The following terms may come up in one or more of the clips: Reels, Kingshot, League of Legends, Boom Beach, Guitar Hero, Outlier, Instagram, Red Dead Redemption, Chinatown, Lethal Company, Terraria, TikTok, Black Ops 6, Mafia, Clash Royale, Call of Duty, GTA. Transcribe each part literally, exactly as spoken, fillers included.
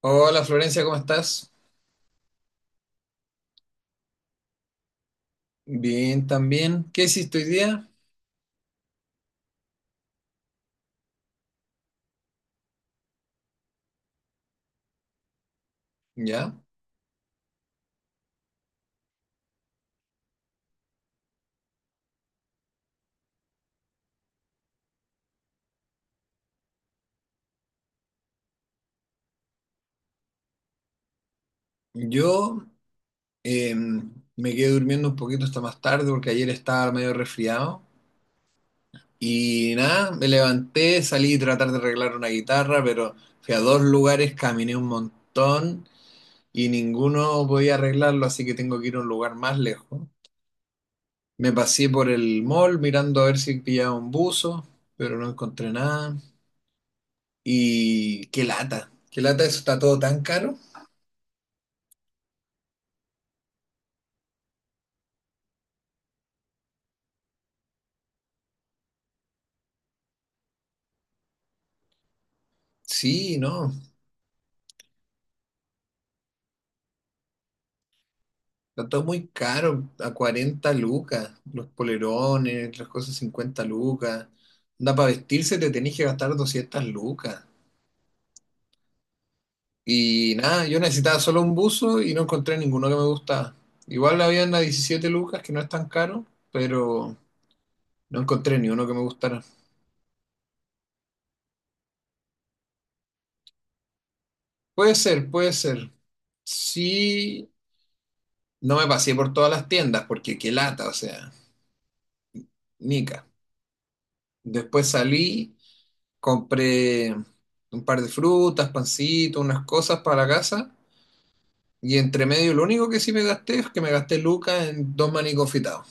Hola Florencia, ¿cómo estás? Bien, también. ¿Qué hiciste hoy día? Ya. Yo eh, me quedé durmiendo un poquito hasta más tarde porque ayer estaba medio resfriado. Y nada, me levanté, salí a tratar de arreglar una guitarra, pero fui a dos lugares, caminé un montón y ninguno podía arreglarlo, así que tengo que ir a un lugar más lejos. Me pasé por el mall mirando a ver si pillaba un buzo, pero no encontré nada. Y qué lata, qué lata, eso está todo tan caro. Sí, no, está todo muy caro, a cuarenta lucas, los polerones, las cosas cincuenta lucas. Da para vestirse te tenés que gastar doscientas lucas. Y nada, yo necesitaba solo un buzo y no encontré ninguno que me gustaba. Igual habían a diecisiete lucas, que no es tan caro, pero no encontré ni uno que me gustara. Puede ser, puede ser. Sí, no me pasé por todas las tiendas, porque qué lata, o sea, nica. Después salí. Compré un par de frutas, pancito, unas cosas para la casa. Y entre medio, lo único que sí me gasté es que me gasté lucas en dos maní confitados.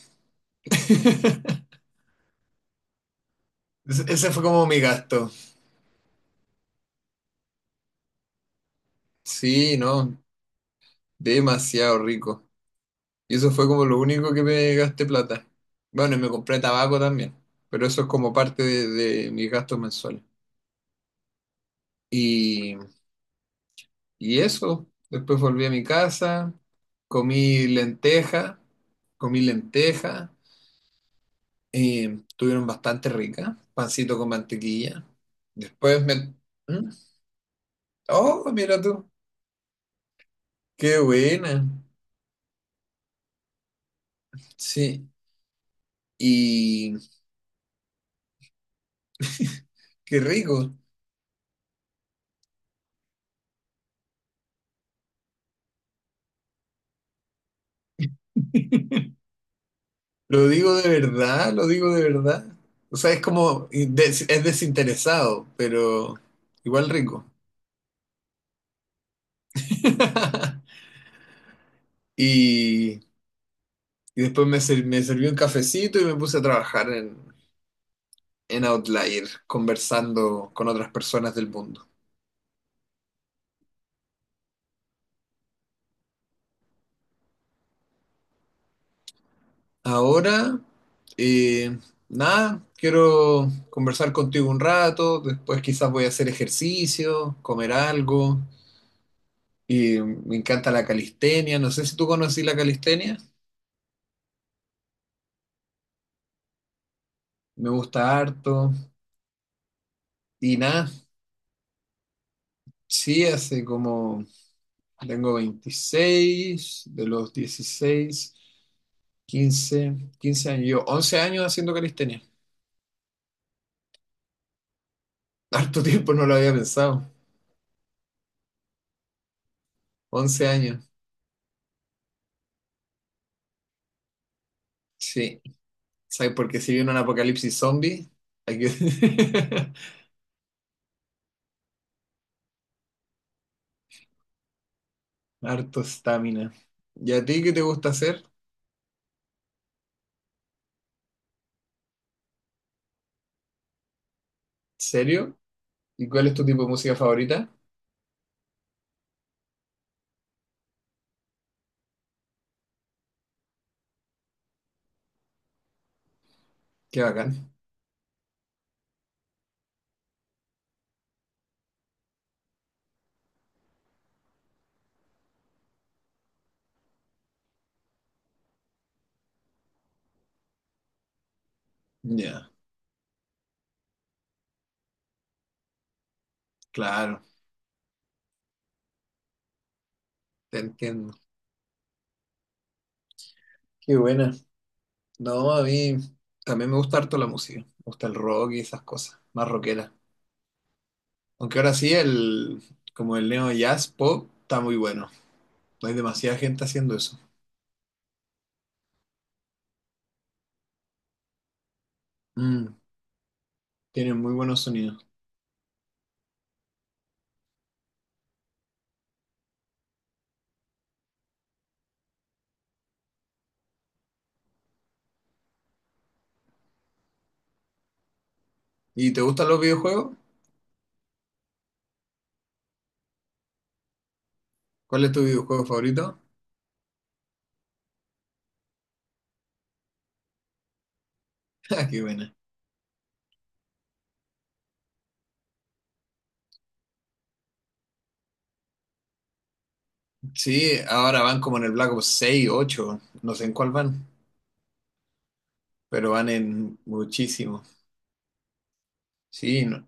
Ese ese fue como mi gasto. Sí, no, demasiado rico. Y eso fue como lo único que me gasté plata. Bueno, y me compré tabaco también, pero eso es como parte de, de mis gastos mensuales. Y, y eso, después volví a mi casa, comí lenteja, comí lenteja, eh, tuvieron bastante rica, pancito con mantequilla. Después me... ¿Mm? Oh, mira tú, qué buena. Sí, y qué rico. Lo digo de verdad, lo digo de verdad. O sea, es como, des- es desinteresado, pero igual rico. Y, y después me, sir- me sirvió un cafecito y me puse a trabajar en, en Outlier, conversando con otras personas del mundo. Ahora, eh, nada, quiero conversar contigo un rato, después quizás voy a hacer ejercicio, comer algo, y me encanta la calistenia, no sé si tú conocí la calistenia, me gusta harto, y nada, sí, hace como, tengo veintiséis de los dieciséis quince quince años, yo once años haciendo calistenia, harto tiempo no lo había pensado, once años, sí. ¿Sabes? Porque si viene un apocalipsis zombie, hay que... Harto estamina. ¿Y a ti qué te gusta hacer? ¿Serio? ¿Y cuál es tu tipo de música favorita? Qué bacán. Ya, claro, te entiendo. Qué buena. No, a mí también me gusta harto la música. Me gusta el rock y esas cosas, más rockera. Aunque ahora sí, el, como el neo jazz pop está muy bueno. No hay demasiada gente haciendo eso. Mm, tienen muy buenos sonidos. ¿Y te gustan los videojuegos? ¿Cuál es tu videojuego favorito? Ah, qué buena. Sí, ahora van como en el Black Ops seis, ocho, no sé en cuál van, pero van en muchísimo. Sí, no,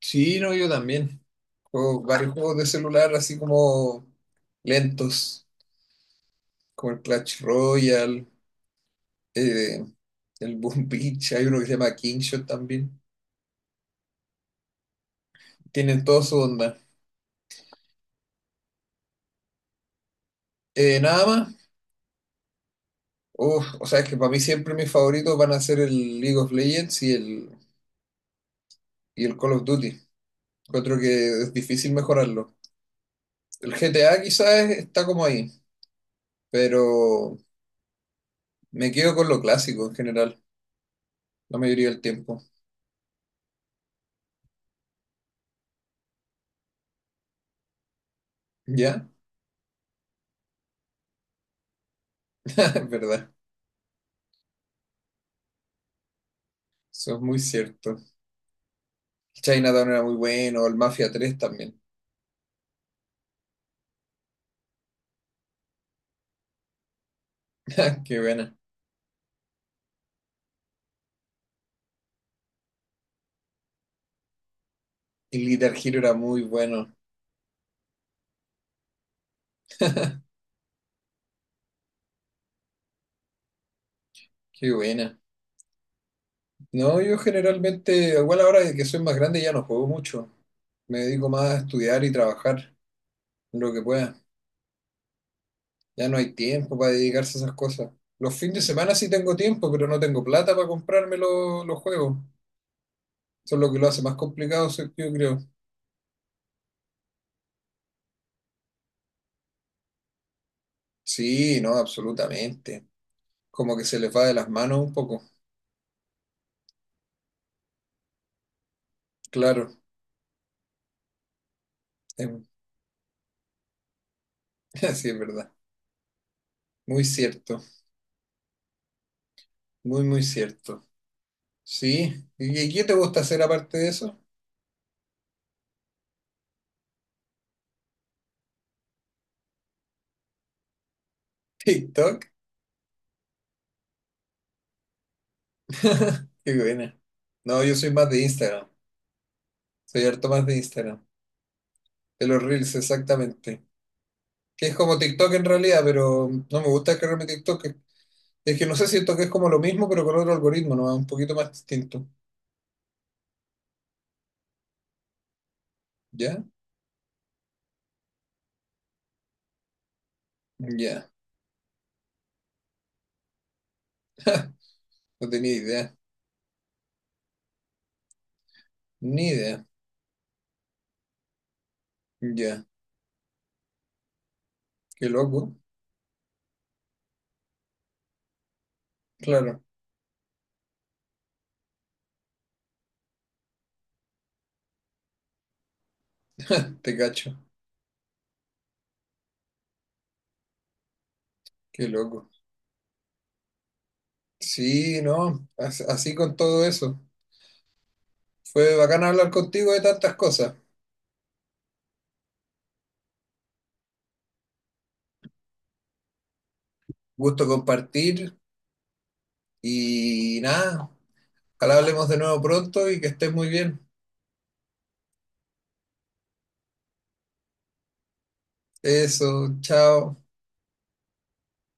sí, no, yo también. Juego varios juegos de celular así como lentos, como el Clash Royale, eh, el Boom Beach, hay uno que se llama Kingshot también. Tienen toda su onda. Eh, nada más, uf, o sea, es que para mí siempre mis favoritos van a ser el League of Legends y el, y el Call of Duty. Encuentro que es difícil mejorarlo. El G T A quizás es- está como ahí, pero me quedo con lo clásico en general, la mayoría del tiempo. ¿Ya? Es verdad, eso es muy cierto. El Chinatown era muy bueno, el Mafia tres también. Qué buena. El Guitar Hero era muy bueno. Qué buena. No, yo generalmente, igual ahora que soy más grande ya no juego mucho. Me dedico más a estudiar y trabajar lo que pueda. Ya no hay tiempo para dedicarse a esas cosas. Los fines de semana sí tengo tiempo, pero no tengo plata para comprarme lo- los juegos. Eso es lo que lo hace más complicado, sí, yo creo. Sí, no, absolutamente. Como que se les va de las manos un poco. Claro, em, sí, es verdad. Muy cierto, muy, muy cierto. Sí, ¿y y qué te gusta hacer aparte de eso? TikTok. Qué buena. No, yo soy más de Instagram. Soy harto más de Instagram. De los Reels, exactamente. Que es como TikTok en realidad, pero no me gusta cargarme TikTok. Es es que no sé, siento que es como lo mismo, pero con otro algoritmo, ¿no? Un poquito más distinto. ¿Ya? Ya. No tenía idea. Ni idea. Ya. Qué loco. Claro. Te cacho. Qué loco. Sí, no. as- Así con todo eso. Fue bacán hablar contigo de tantas cosas. Gusto compartir. Y nada. Ojalá hablemos de nuevo pronto y que estés muy bien. Eso. Chao.